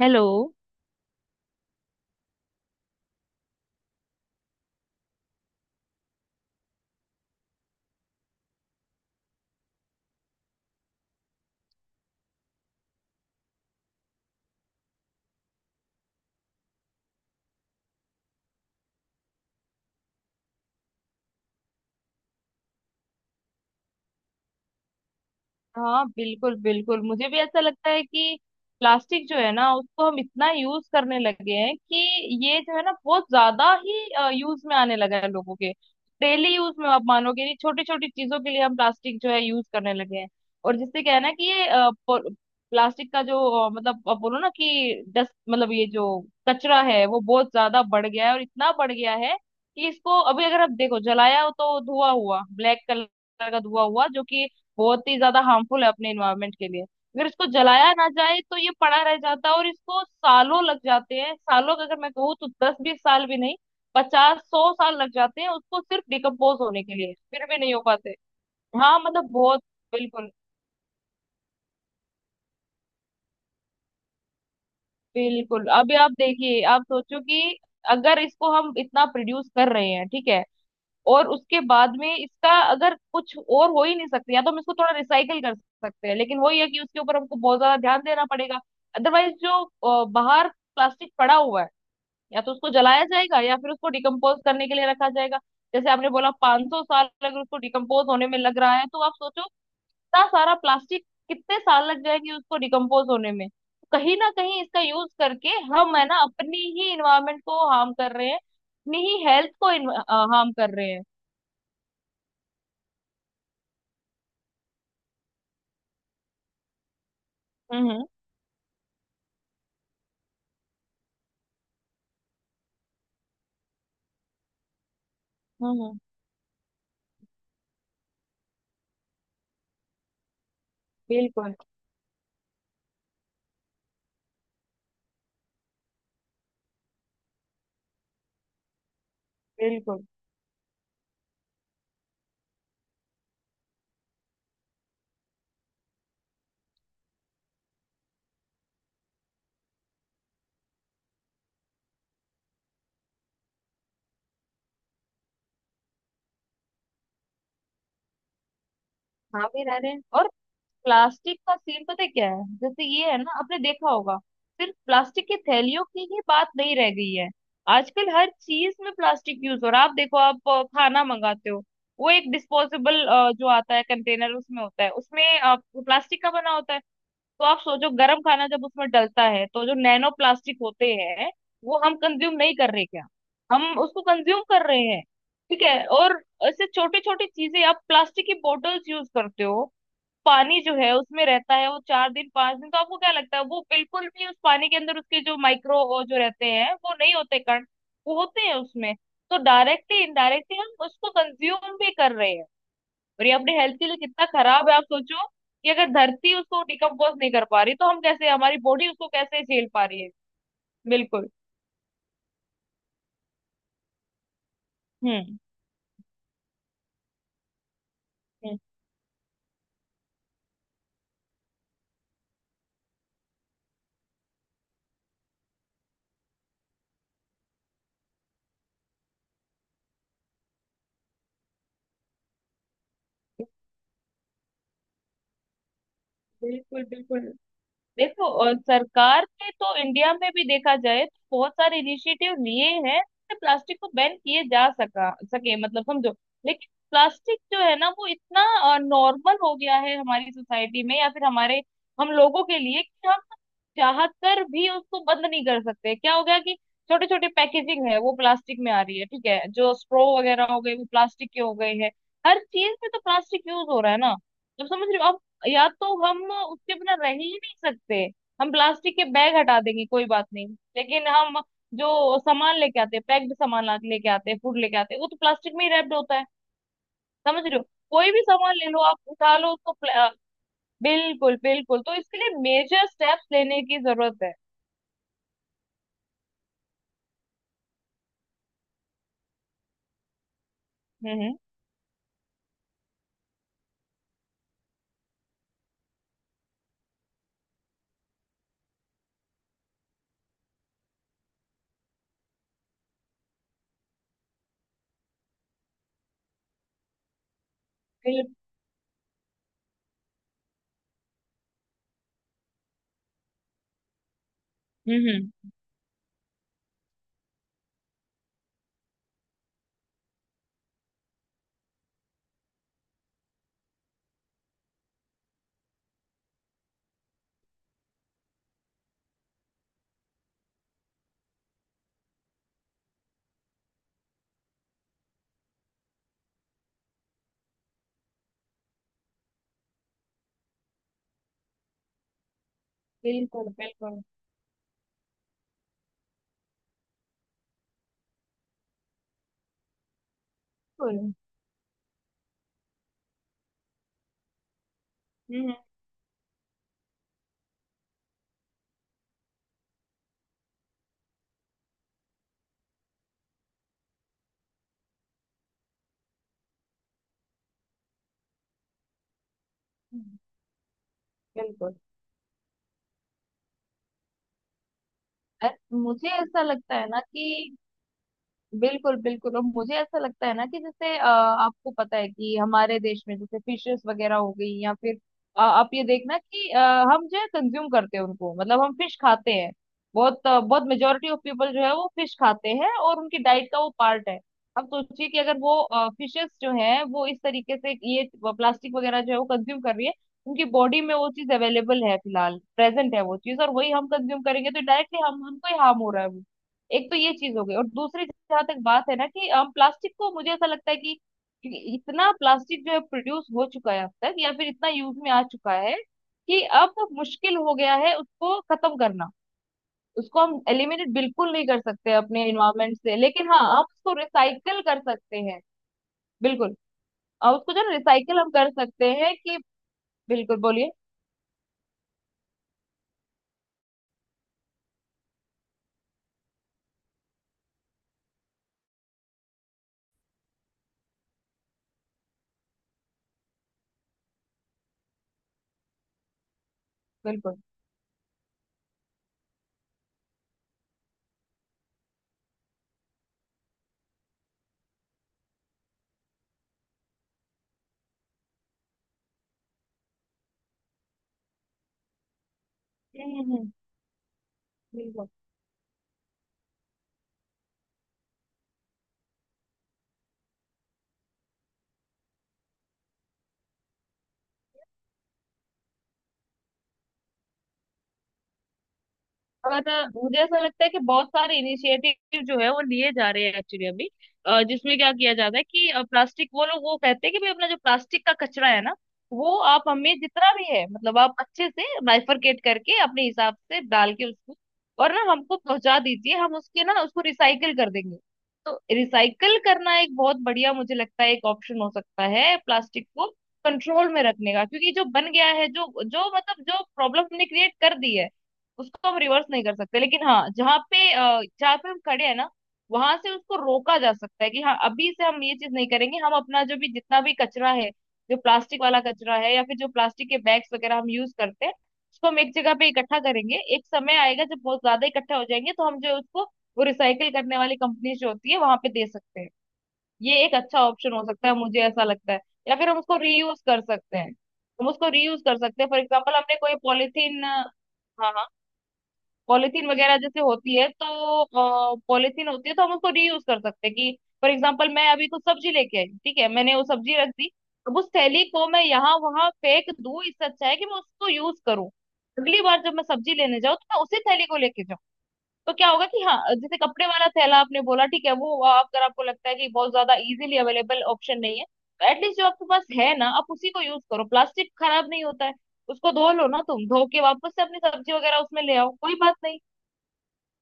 Hello. हाँ, बिल्कुल बिल्कुल, मुझे भी ऐसा लगता है कि प्लास्टिक जो है ना, उसको हम इतना यूज करने लगे हैं कि ये जो है ना, बहुत ज्यादा ही यूज में आने लगा है लोगों के डेली यूज में। आप मानोगे नहीं, छोटी छोटी चीजों के लिए हम प्लास्टिक जो है यूज करने लगे हैं। और जिससे क्या है ना कि ये प्लास्टिक का जो मतलब आप बोलो ना कि डस्ट, मतलब ये जो कचरा है वो बहुत ज्यादा बढ़ गया है। और इतना बढ़ गया है कि इसको अभी अगर आप देखो जलाया हो तो धुआं हुआ, ब्लैक कलर का धुआं हुआ, जो कि बहुत ही ज्यादा हार्मफुल है अपने इन्वायरमेंट के लिए। अगर इसको जलाया ना जाए तो ये पड़ा रह जाता है और इसको सालों लग जाते हैं। सालों का अगर मैं कहूँ तो 10 20 साल भी नहीं, 50 100 साल लग जाते हैं उसको सिर्फ डिकम्पोज होने के लिए, फिर भी नहीं हो पाते। हाँ, मतलब बहुत बिल्कुल बिल्कुल। अभी आप देखिए, आप सोचो कि अगर इसको हम इतना प्रोड्यूस कर रहे हैं ठीक है, और उसके बाद में इसका अगर कुछ और हो ही नहीं सकती, या तो हम इसको थोड़ा रिसाइकल कर सकते हैं, लेकिन वही है कि उसके ऊपर हमको बहुत ज्यादा ध्यान देना पड़ेगा। अदरवाइज जो बाहर प्लास्टिक पड़ा हुआ है, या तो उसको जलाया जाएगा या फिर उसको डिकम्पोज करने के लिए रखा जाएगा। जैसे आपने बोला 500 साल अगर उसको डिकम्पोज होने में लग रहा है, तो आप सोचो इतना सारा प्लास्टिक कितने साल लग जाएंगे उसको डिकम्पोज होने में। कहीं ना कहीं इसका यूज करके हम है ना, अपनी ही इन्वायरमेंट को हार्म कर रहे हैं, अपनी ही हेल्थ को हार्म कर रहे हैं। हम्म, हम्म। हम्म। बिल्कुल बिल्कुल। हाँ भी रह रहे हैं। और प्लास्टिक का सीन पता है क्या है, जैसे ये है ना, आपने देखा होगा, सिर्फ प्लास्टिक की थैलियों की ही बात नहीं रह गई है। आजकल हर चीज में प्लास्टिक यूज हो रहा है। आप देखो, आप खाना मंगाते हो, वो एक डिस्पोजेबल जो आता है कंटेनर उसमें होता है, उसमें प्लास्टिक का बना होता है। तो आप सोचो गर्म खाना जब उसमें डलता है तो जो नैनो प्लास्टिक होते हैं, वो हम कंज्यूम नहीं कर रहे क्या? हम उसको कंज्यूम कर रहे हैं। ठीक है। और ऐसे छोटी छोटी चीजें, आप प्लास्टिक की बोटल्स यूज करते हो, पानी जो है उसमें रहता है वो 4 दिन 5 दिन, तो आपको क्या लगता है वो बिल्कुल भी उस पानी के अंदर उसके जो माइक्रो जो रहते हैं वो नहीं होते कण? वो होते हैं उसमें। तो डायरेक्टली इनडायरेक्टली हम उसको कंज्यूम भी कर रहे हैं। और ये अपने हेल्थ के लिए कितना खराब है, आप सोचो कि अगर धरती उसको डिकम्पोज नहीं कर पा रही, तो हम कैसे, हमारी बॉडी उसको कैसे झेल पा रही है। बिल्कुल। हम्म। हम्म। बिल्कुल बिल्कुल। देखो, और सरकार ने तो इंडिया में भी देखा जाए तो बहुत सारे इनिशिएटिव लिए हैं, जिससे प्लास्टिक को बैन किए जा सका सके, मतलब समझो। लेकिन प्लास्टिक जो है ना, वो इतना नॉर्मल हो गया है हमारी सोसाइटी में या फिर हमारे हम लोगों के लिए कि हम चाह कर भी उसको बंद नहीं कर सकते। क्या हो गया कि छोटे छोटे पैकेजिंग है वो प्लास्टिक में आ रही है, ठीक है, जो स्ट्रॉ वगैरह हो गए वो प्लास्टिक के हो गए हैं। हर चीज में तो प्लास्टिक यूज हो रहा है ना, जब समझ रहे हो? या तो हम उसके बिना रह ही नहीं सकते। हम प्लास्टिक के बैग हटा देंगे, कोई बात नहीं, लेकिन हम जो सामान लेके आते हैं, पैक्ड सामान लेके आते हैं, फूड लेके आते हैं, वो तो प्लास्टिक में ही रैप्ड होता है। समझ रहे हो? कोई भी सामान ले लो आप, उठा लो उसको बिल्कुल बिल्कुल, तो इसके लिए मेजर स्टेप्स लेने की जरूरत है। हम्म। हम्म। बिल- हम्म। बिल्कुल। बिल्कुल बिल्कुल। हम्म। हम्म, बिल्कुल। मुझे ऐसा लगता है ना कि बिल्कुल बिल्कुल। और मुझे ऐसा लगता है ना कि जैसे आपको पता है कि हमारे देश में जैसे फिशेस वगैरह हो गई, या फिर आप ये देखना कि हम जो है कंज्यूम करते हैं उनको, मतलब हम फिश खाते हैं। बहुत बहुत मेजोरिटी ऑफ पीपल जो है वो फिश खाते हैं और उनकी डाइट का वो पार्ट है। अब सोचिए कि अगर वो फिशेस जो है वो इस तरीके से ये प्लास्टिक वगैरह जो है वो कंज्यूम कर रही है, उनकी बॉडी में वो चीज अवेलेबल है, फिलहाल प्रेजेंट है वो चीज, और वही हम कंज्यूम करेंगे तो डायरेक्टली हम उनको ही हार्म हो रहा है वो। एक तो ये चीज हो गई, और दूसरी, जहाँ तक बात है ना कि प्लास्टिक को मुझे ऐसा लगता है कि इतना प्लास्टिक जो है प्रोड्यूस हो चुका है अब तक, या फिर इतना यूज में आ चुका है कि अब मुश्किल हो गया है उसको खत्म करना। उसको हम एलिमिनेट बिल्कुल नहीं कर सकते अपने इन्वायरमेंट से, लेकिन हाँ, हम उसको रिसाइकल कर सकते हैं। बिल्कुल। और उसको जो रिसाइकल हम कर सकते हैं कि बिल्कुल बोलिए। बिल्कुल। हम्म, बिल्कुल। और मुझे ऐसा लगता है कि बहुत सारे इनिशिएटिव जो है वो लिए जा रहे हैं एक्चुअली अभी। जिसमें क्या किया जाता है कि प्लास्टिक वो लोग वो कहते हैं कि भाई अपना जो प्लास्टिक का कचरा है ना, वो आप हमें जितना भी है, मतलब आप अच्छे से बाइफरकेट करके अपने हिसाब से डाल के उसको, और ना हमको पहुंचा दीजिए, हम उसके ना उसको रिसाइकल कर देंगे। तो रिसाइकल करना एक बहुत बढ़िया, मुझे लगता है, एक ऑप्शन हो सकता है प्लास्टिक को कंट्रोल में रखने का। क्योंकि जो बन गया है, जो जो मतलब जो प्रॉब्लम हमने क्रिएट कर दी है, उसको हम रिवर्स नहीं कर सकते। लेकिन हाँ, जहाँ पे जहाँ पे हम खड़े हैं ना, वहां से उसको रोका जा सकता है कि हाँ, अभी से हम ये चीज नहीं करेंगे। हम अपना जो भी जितना भी कचरा है, जो प्लास्टिक वाला कचरा है या फिर जो प्लास्टिक के बैग्स वगैरह हम यूज करते हैं, उसको हम एक जगह पे इकट्ठा करेंगे। एक समय आएगा जब बहुत ज्यादा इकट्ठा हो जाएंगे, तो हम जो है उसको, वो रिसाइकल करने वाली कंपनी जो होती है वहां पे दे सकते हैं। ये एक अच्छा ऑप्शन हो सकता है, मुझे ऐसा लगता है। या फिर हम उसको रीयूज कर सकते हैं। हम उसको रीयूज कर सकते हैं, फॉर एग्जाम्पल हमने कोई पॉलिथीन, हाँ, पॉलिथीन वगैरह जैसे होती है, तो पॉलिथीन होती है तो हम उसको रीयूज कर सकते हैं। कि फॉर एग्जाम्पल मैं अभी कुछ सब्जी लेके आई, ठीक है, मैंने वो सब्जी रख दी। अब उस थैली को मैं यहाँ वहां फेंक दूं, इससे अच्छा है कि मैं उसको यूज करूँ। अगली बार जब मैं सब्जी लेने जाऊँ तो मैं उसी थैली को लेके जाऊँ। तो क्या होगा कि हाँ, जैसे कपड़े वाला थैला आपने बोला ठीक है, वो अगर आपको लगता है कि बहुत ज्यादा इजीली अवेलेबल ऑप्शन नहीं है, तो एटलीस्ट जो आपके पास है ना, आप उसी को यूज करो, प्लास्टिक खराब नहीं होता है, उसको धो लो ना तुम, धो के वापस से अपनी सब्जी वगैरह उसमें ले आओ, कोई बात नहीं।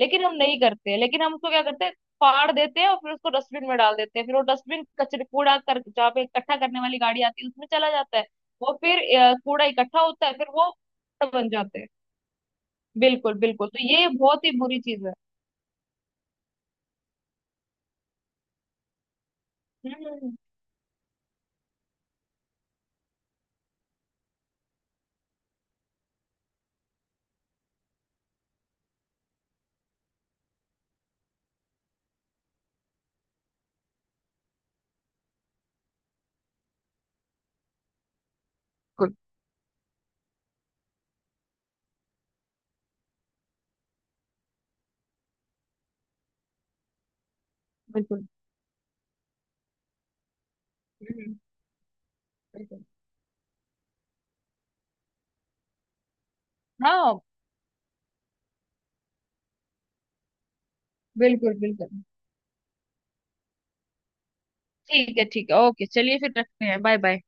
लेकिन हम नहीं करते हैं। लेकिन हम उसको क्या करते हैं, फाड़ देते हैं और फिर उसको डस्टबिन में डाल देते हैं। फिर वो डस्टबिन कचरे कूड़ा कर जहाँ पे इकट्ठा करने वाली गाड़ी आती है उसमें चला जाता है। वो फिर कूड़ा इकट्ठा होता है, फिर वो कूड़ा बन जाते हैं। बिल्कुल बिल्कुल, तो ये बहुत ही बुरी चीज है। हम्म। बिल्कुल। बिल्कुल। हम्म, बिल्कुल। हाँ, बिल्कुल बिल्कुल। ठीक है, ठीक है, ओके, चलिए फिर रखते हैं, बाय बाय।